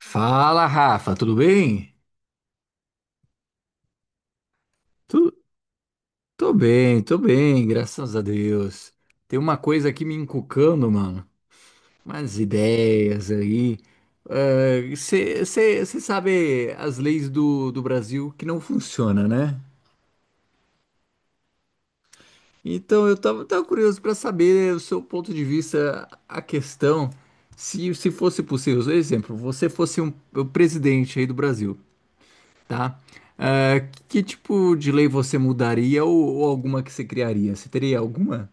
Fala, Rafa, tudo bem? Tu, tô bem, graças a Deus. Tem uma coisa aqui me encucando, mano. Umas ideias aí. Você sabe as leis do Brasil que não funcionam, né? Então eu tava curioso para saber o seu ponto de vista, a questão, se fosse possível. Por exemplo, você fosse um, o presidente aí do Brasil. Tá? Ah, que tipo de lei você mudaria ou alguma que você criaria? Você teria alguma?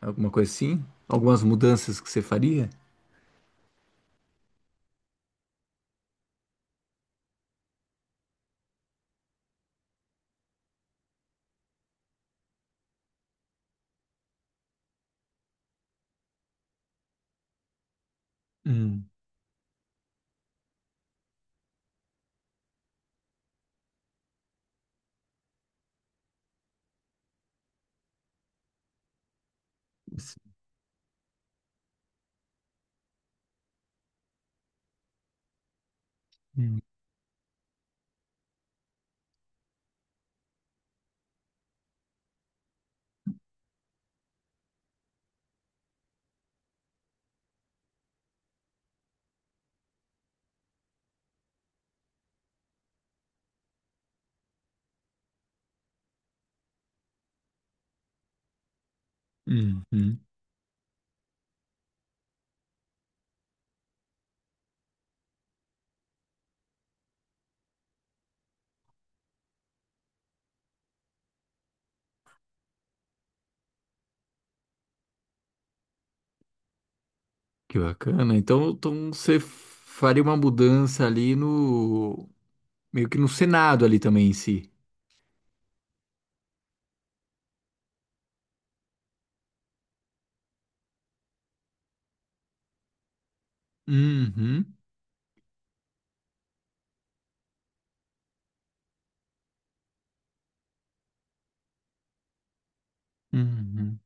Alguma coisa assim? Algumas mudanças que você faria? Hum, s- hum, uhum. Que bacana. Então você faria uma mudança ali no. Meio que no Senado ali também em si. Uhum, uhum.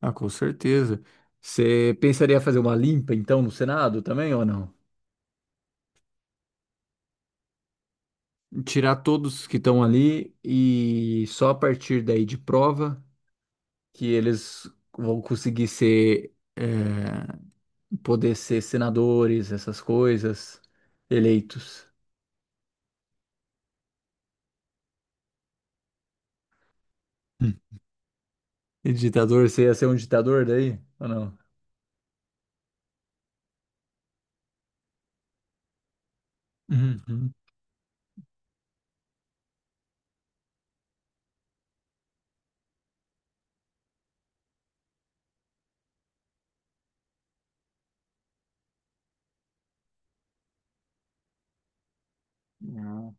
Ah, com certeza. Você pensaria fazer uma limpa então no Senado também ou não? Tirar todos que estão ali e só a partir daí de prova que eles vão conseguir ser, é, poder ser senadores, essas coisas, eleitos. Hum. E ditador, você ia ser um ditador daí? Ou não? Uhum. Ah,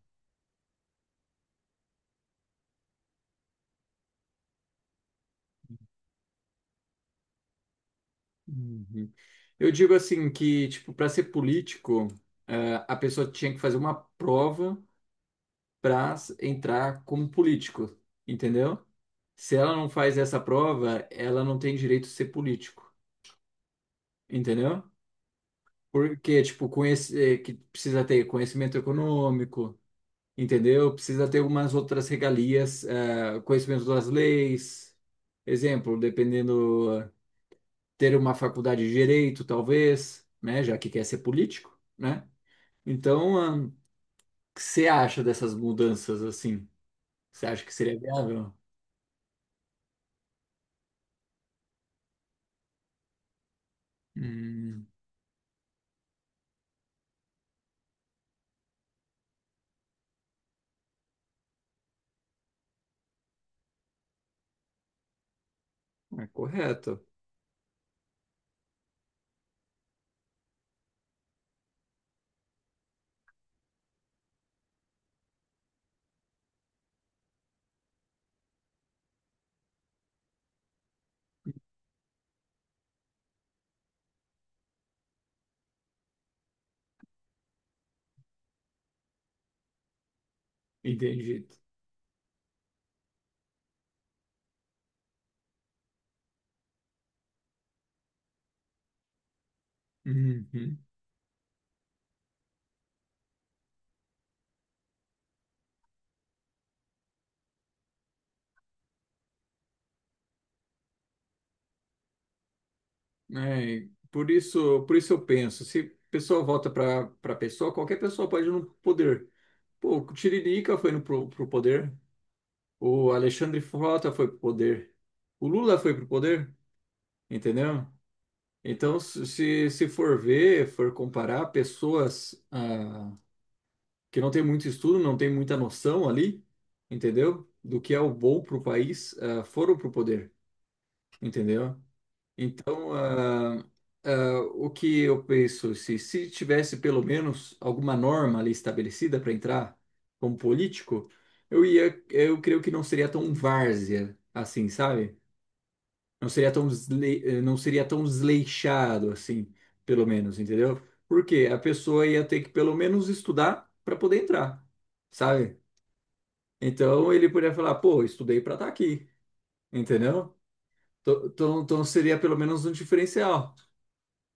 uhum. Eu digo assim que, tipo, para ser político, a pessoa tinha que fazer uma prova para entrar como político, entendeu? Se ela não faz essa prova, ela não tem direito de ser político, entendeu? Porque, tipo, conhece, que precisa ter conhecimento econômico, entendeu? Precisa ter algumas outras regalias, conhecimento das leis, exemplo, dependendo, ter uma faculdade de direito, talvez, né? Já que quer ser político, né? Então, o que você acha dessas mudanças assim? Você acha que seria viável? Hum. É correto. Entendi. Uhum. É, por isso eu penso, se a pessoa volta para pessoa, qualquer pessoa pode ir no poder. Pô, o Tiririca foi no, pro, pro poder, o Alexandre Frota foi pro poder, o Lula foi pro poder, entendeu? Então, se for ver, for comparar pessoas que não tem muito estudo, não tem muita noção ali, entendeu? Do que é o bom pro país, foram pro poder, entendeu? O que eu penso, se tivesse pelo menos alguma norma ali estabelecida para entrar como político, eu creio que não seria tão várzea assim, sabe? Não seria tão, não seria tão desleixado assim, pelo menos, entendeu? Porque a pessoa ia ter que pelo menos estudar para poder entrar, sabe? Então ele poderia falar, pô, estudei para estar aqui, entendeu? Então seria pelo menos um diferencial.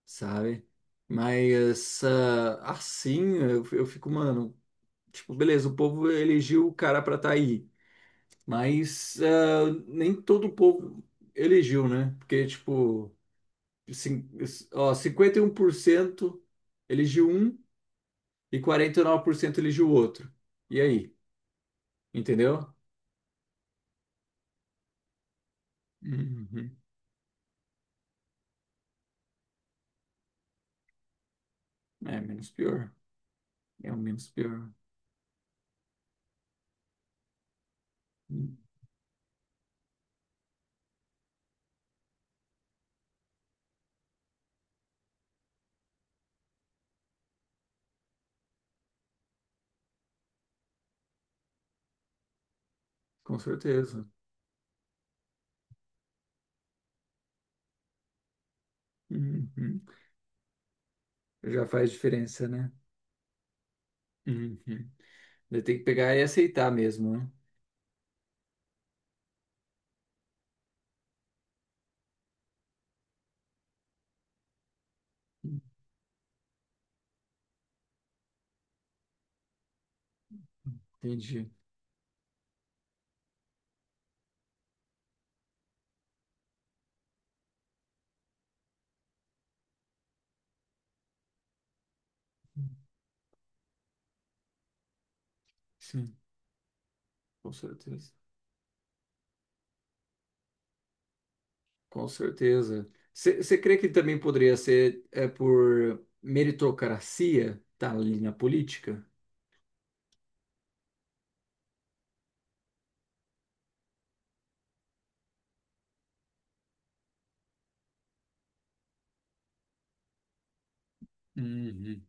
Sabe? Mas assim, eu fico, mano, tipo, beleza, o povo elegeu o cara pra tá aí, mas nem todo o povo elegeu, né? Porque, tipo, cin- ó, 51% elegiu um e 49% elegiu o outro. E aí, entendeu? Uhum. É menos pior, é o menos pior. Hum, com certeza. Uhum. Já faz diferença, né? Uhum. Daí tem que pegar e aceitar mesmo, né? Entendi. Sim, com certeza. Com certeza. Você crê que também poderia ser, é, por meritocracia tá ali na política? Uhum.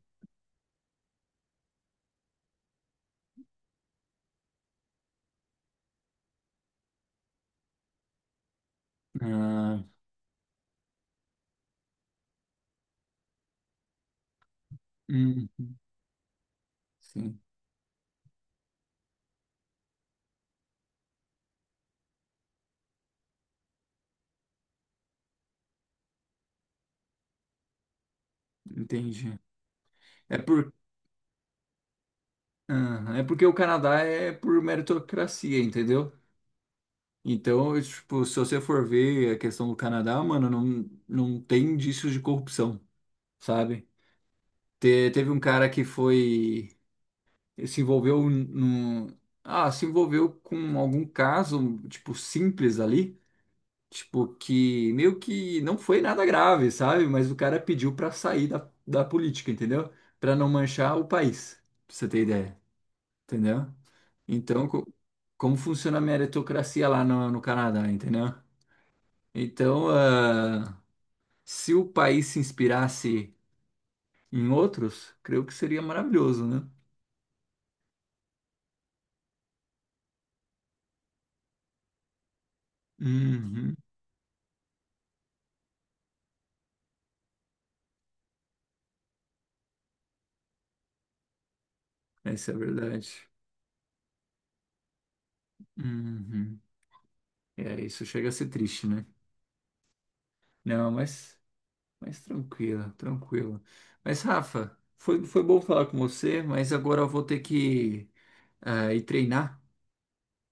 Ah, hum, sim, entendi. É por, é porque o Canadá é por meritocracia, entendeu? Então, tipo, se você for ver a questão do Canadá, mano, não tem indícios de corrupção, sabe? Teve um cara que foi se envolveu no, se envolveu com algum caso, tipo, simples ali, tipo, que meio que não foi nada grave, sabe? Mas o cara pediu pra sair da política, entendeu? Pra não manchar o país, pra você ter ideia, entendeu? Então, como funciona a meritocracia lá no Canadá, entendeu? Então, se o país se inspirasse em outros, creio que seria maravilhoso, né? Uhum, essa é a verdade. Uhum. É, isso chega a ser triste, né? Não, mas tranquilo, tranquilo. Mas, Rafa, foi bom falar com você, mas agora eu vou ter que ir treinar,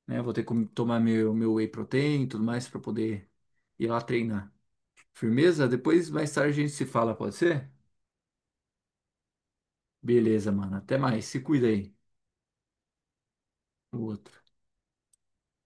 né? Vou ter que tomar meu whey protein e tudo mais para poder ir lá treinar. Firmeza? Depois, mais tarde, a gente se fala, pode ser? Beleza, mano. Até mais. Se cuida aí. O outro.